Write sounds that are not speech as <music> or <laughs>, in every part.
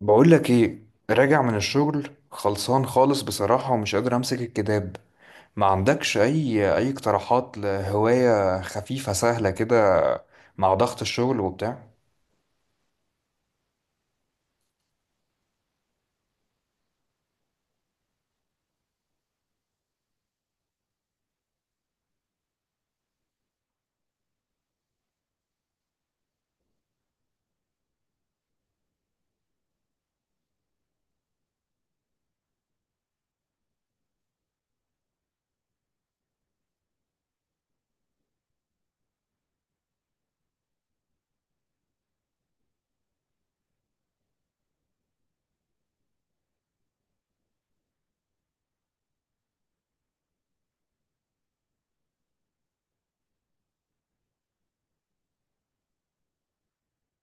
بقول لك ايه، راجع من الشغل خلصان خالص بصراحة ومش قادر امسك الكتاب. ما عندكش اي اقتراحات لهواية خفيفة سهلة كده مع ضغط الشغل وبتاع؟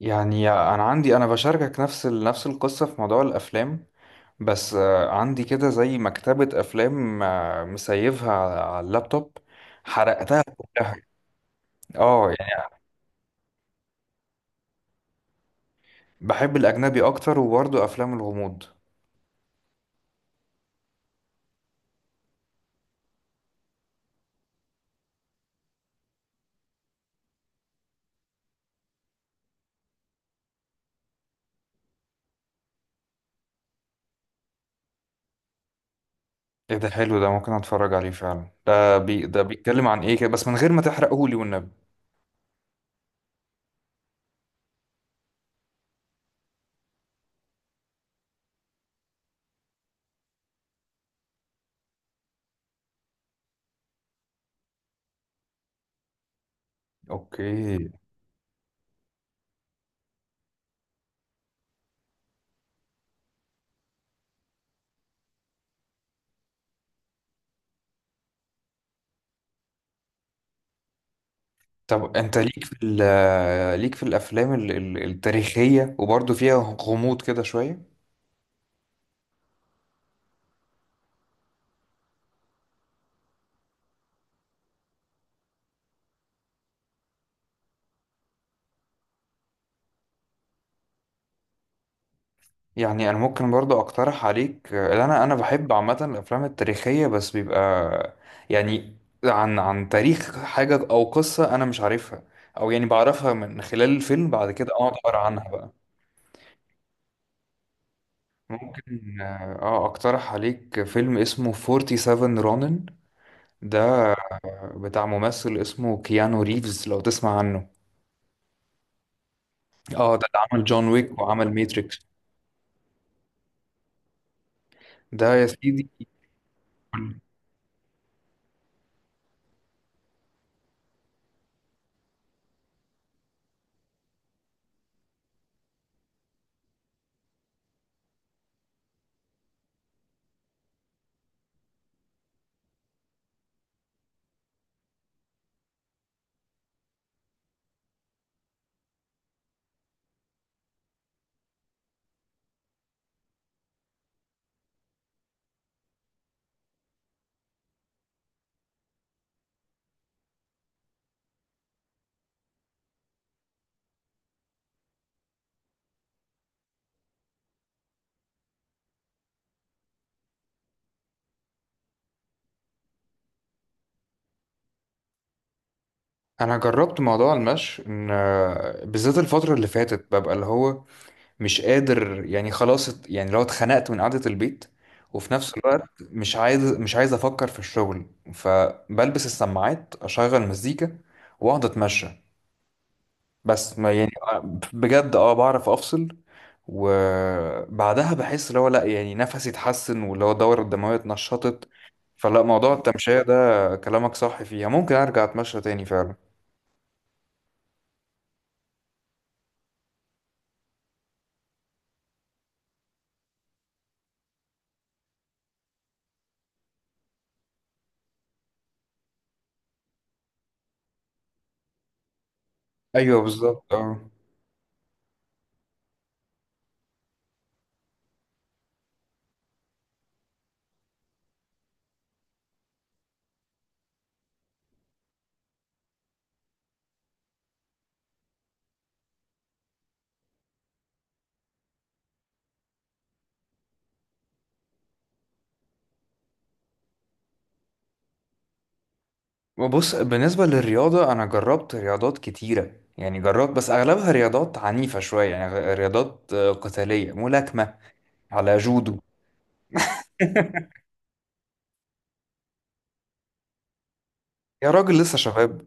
يعني انا بشاركك نفس نفس القصة في موضوع الافلام. بس عندي كده زي مكتبة افلام، مسيفها على اللابتوب، حرقتها كلها. اه يعني. بحب الاجنبي اكتر وبرضه افلام الغموض. ايه ده؟ حلو ده، ممكن اتفرج عليه فعلا. ده بي ده بيتكلم عن ايه كده، بس من غير ما تحرقه لي والنبي. اوكي. طب انت ليك في الافلام التاريخيه وبرضه فيها غموض كده شويه؟ يعني انا ممكن برضه اقترح عليك. اللي انا بحب عامه الافلام التاريخيه، بس بيبقى يعني عن تاريخ حاجه او قصه انا مش عارفها، او يعني بعرفها من خلال الفيلم، بعد كده اقعد اقرا عنها بقى. ممكن اقترح عليك فيلم اسمه 47 رونن، ده بتاع ممثل اسمه كيانو ريفز، لو تسمع عنه. اه، ده اللي عمل جون ويك وعمل ماتريكس. ده يا سيدي. انا جربت موضوع المشي، ان بالذات الفترة اللي فاتت ببقى اللي هو مش قادر، يعني خلاص، يعني لو اتخنقت من قعدة البيت، وفي نفس الوقت مش عايز افكر في الشغل، فبلبس السماعات، اشغل مزيكا، واقعد اتمشى. بس ما يعني بجد، اه، بعرف افصل. وبعدها بحس اللي هو لا، يعني نفسي اتحسن، واللي هو الدورة الدموية اتنشطت. فلا، موضوع التمشية ده كلامك صح فيها، ممكن ارجع اتمشى تاني فعلا. ايوه بالظبط، اه. بص، بالنسبة للرياضة انا جربت رياضات كتيرة، يعني جربت، بس اغلبها رياضات عنيفة شوية، يعني رياضات قتالية، ملاكمة، على جودو. يا راجل، لسه شباب.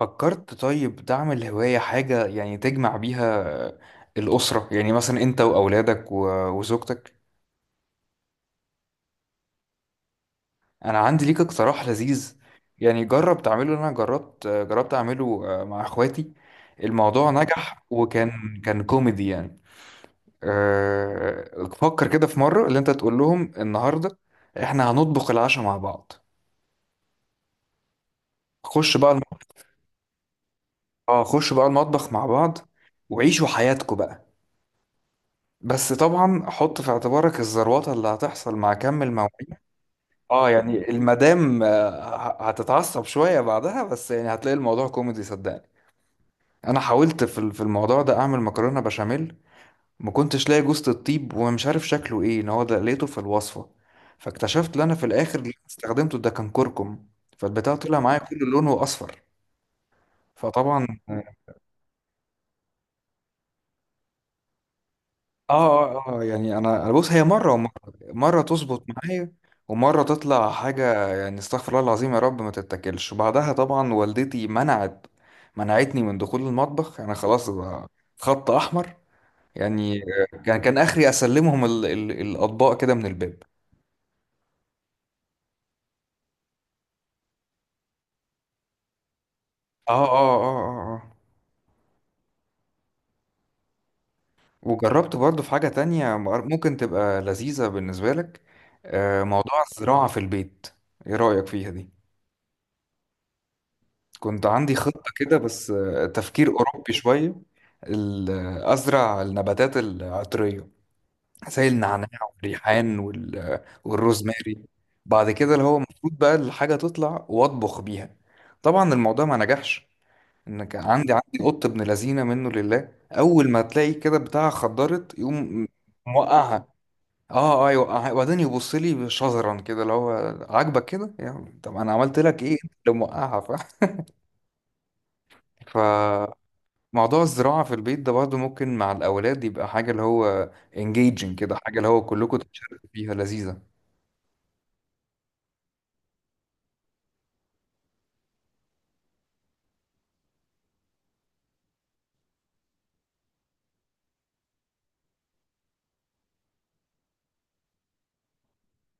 فكرت طيب تعمل هواية حاجة يعني تجمع بيها الأسرة، يعني مثلا أنت وأولادك وزوجتك؟ أنا عندي ليك اقتراح لذيذ، يعني جرب تعمله. أنا جربت أعمله مع إخواتي، الموضوع نجح، وكان كان كوميدي يعني. فكر كده في مرة اللي أنت تقول لهم: النهاردة إحنا هنطبخ العشاء مع بعض. خش بقى الم- اه، خش بقى المطبخ مع بعض، وعيشوا حياتكم بقى. بس طبعا حط في اعتبارك الزروطه اللي هتحصل مع كم المواعيد. اه يعني المدام هتتعصب شويه بعدها، بس يعني هتلاقي الموضوع كوميدي صدقني. انا حاولت في الموضوع ده اعمل مكرونه بشاميل، ما كنتش لاقي جوزة الطيب، ومش عارف شكله ايه، ان هو ده لقيته في الوصفه، فاكتشفت ان انا في الاخر اللي استخدمته ده كان كركم، فالبتاع طلع معايا كل لونه اصفر. فطبعا، يعني انا بص، هي مره ومره. مره تظبط معايا، ومره تطلع حاجه يعني استغفر الله العظيم يا رب ما تتاكلش. وبعدها طبعا والدتي منعتني من دخول المطبخ، انا خلاص بقى خط احمر يعني. كان كان اخري اسلمهم ال ال الاطباق كده من الباب. اه اه اه اه، آه. وجربت برضو في حاجه تانية ممكن تبقى لذيذه بالنسبه لك: موضوع الزراعه في البيت. ايه رايك فيها دي؟ كنت عندي خطة كده، بس تفكير أوروبي شوية: أزرع النباتات العطرية، زي النعناع والريحان والروزماري، بعد كده اللي هو المفروض بقى الحاجة تطلع وأطبخ بيها. طبعا الموضوع ما نجحش، إن كان عندي قط ابن لذينة منه لله، أول ما تلاقي كده بتاعها خضرت يقوم موقعها. اه اه، يوقعها، وبعدين يبص لي شزرا كده، اللي هو عاجبك كده يعني، طب انا عملت لك ايه؟ لو موقعها فاهم. <laughs> موضوع الزراعة في البيت ده برضه ممكن مع الأولاد يبقى حاجة اللي هو engaging كده، حاجة اللي هو كلكم تتشاركوا فيها، لذيذة.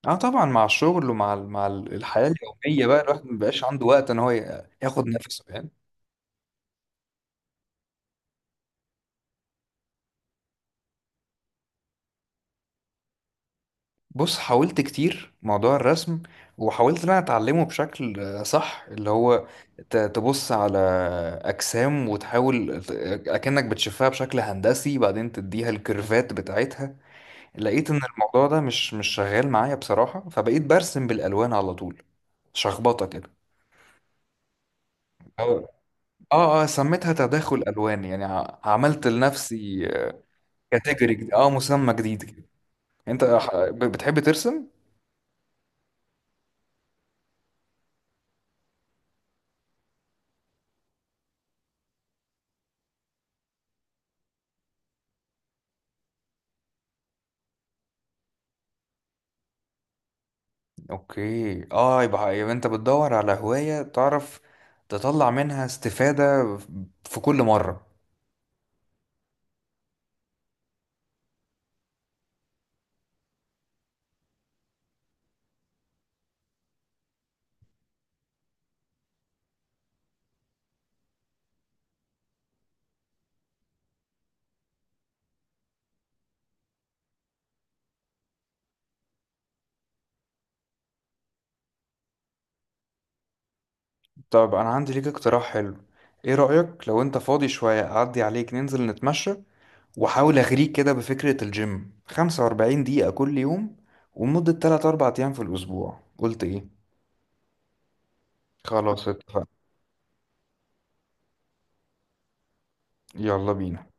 اه طبعا، مع الشغل ومع الحياة اليومية بقى الواحد مبيبقاش عنده وقت ان هو ياخد نفسه يعني. بص، حاولت كتير موضوع الرسم، وحاولت ان انا اتعلمه بشكل صح، اللي هو تبص على أجسام، وتحاول أكنك بتشوفها بشكل هندسي، بعدين تديها الكيرفات بتاعتها. لقيت ان الموضوع ده مش شغال معايا بصراحة، فبقيت برسم بالالوان على طول، شخبطة كده. أو- اه اه، سميتها تداخل الوان، يعني عملت لنفسي كاتيجوري جديد، اه، مسمى جديد كده. انت بتحب ترسم؟ اوكي، اه، يبقى انت بتدور على هواية تعرف تطلع منها استفادة في كل مرة. طب انا عندي ليك اقتراح حلو. ايه رأيك لو انت فاضي شوية، اعدي عليك ننزل نتمشى، واحاول اغريك كده بفكرة الجيم؟ 45 دقيقة كل يوم، ومدة 3 4 ايام في الاسبوع. قلت ايه؟ خلاص اتفقنا. يلا بينا.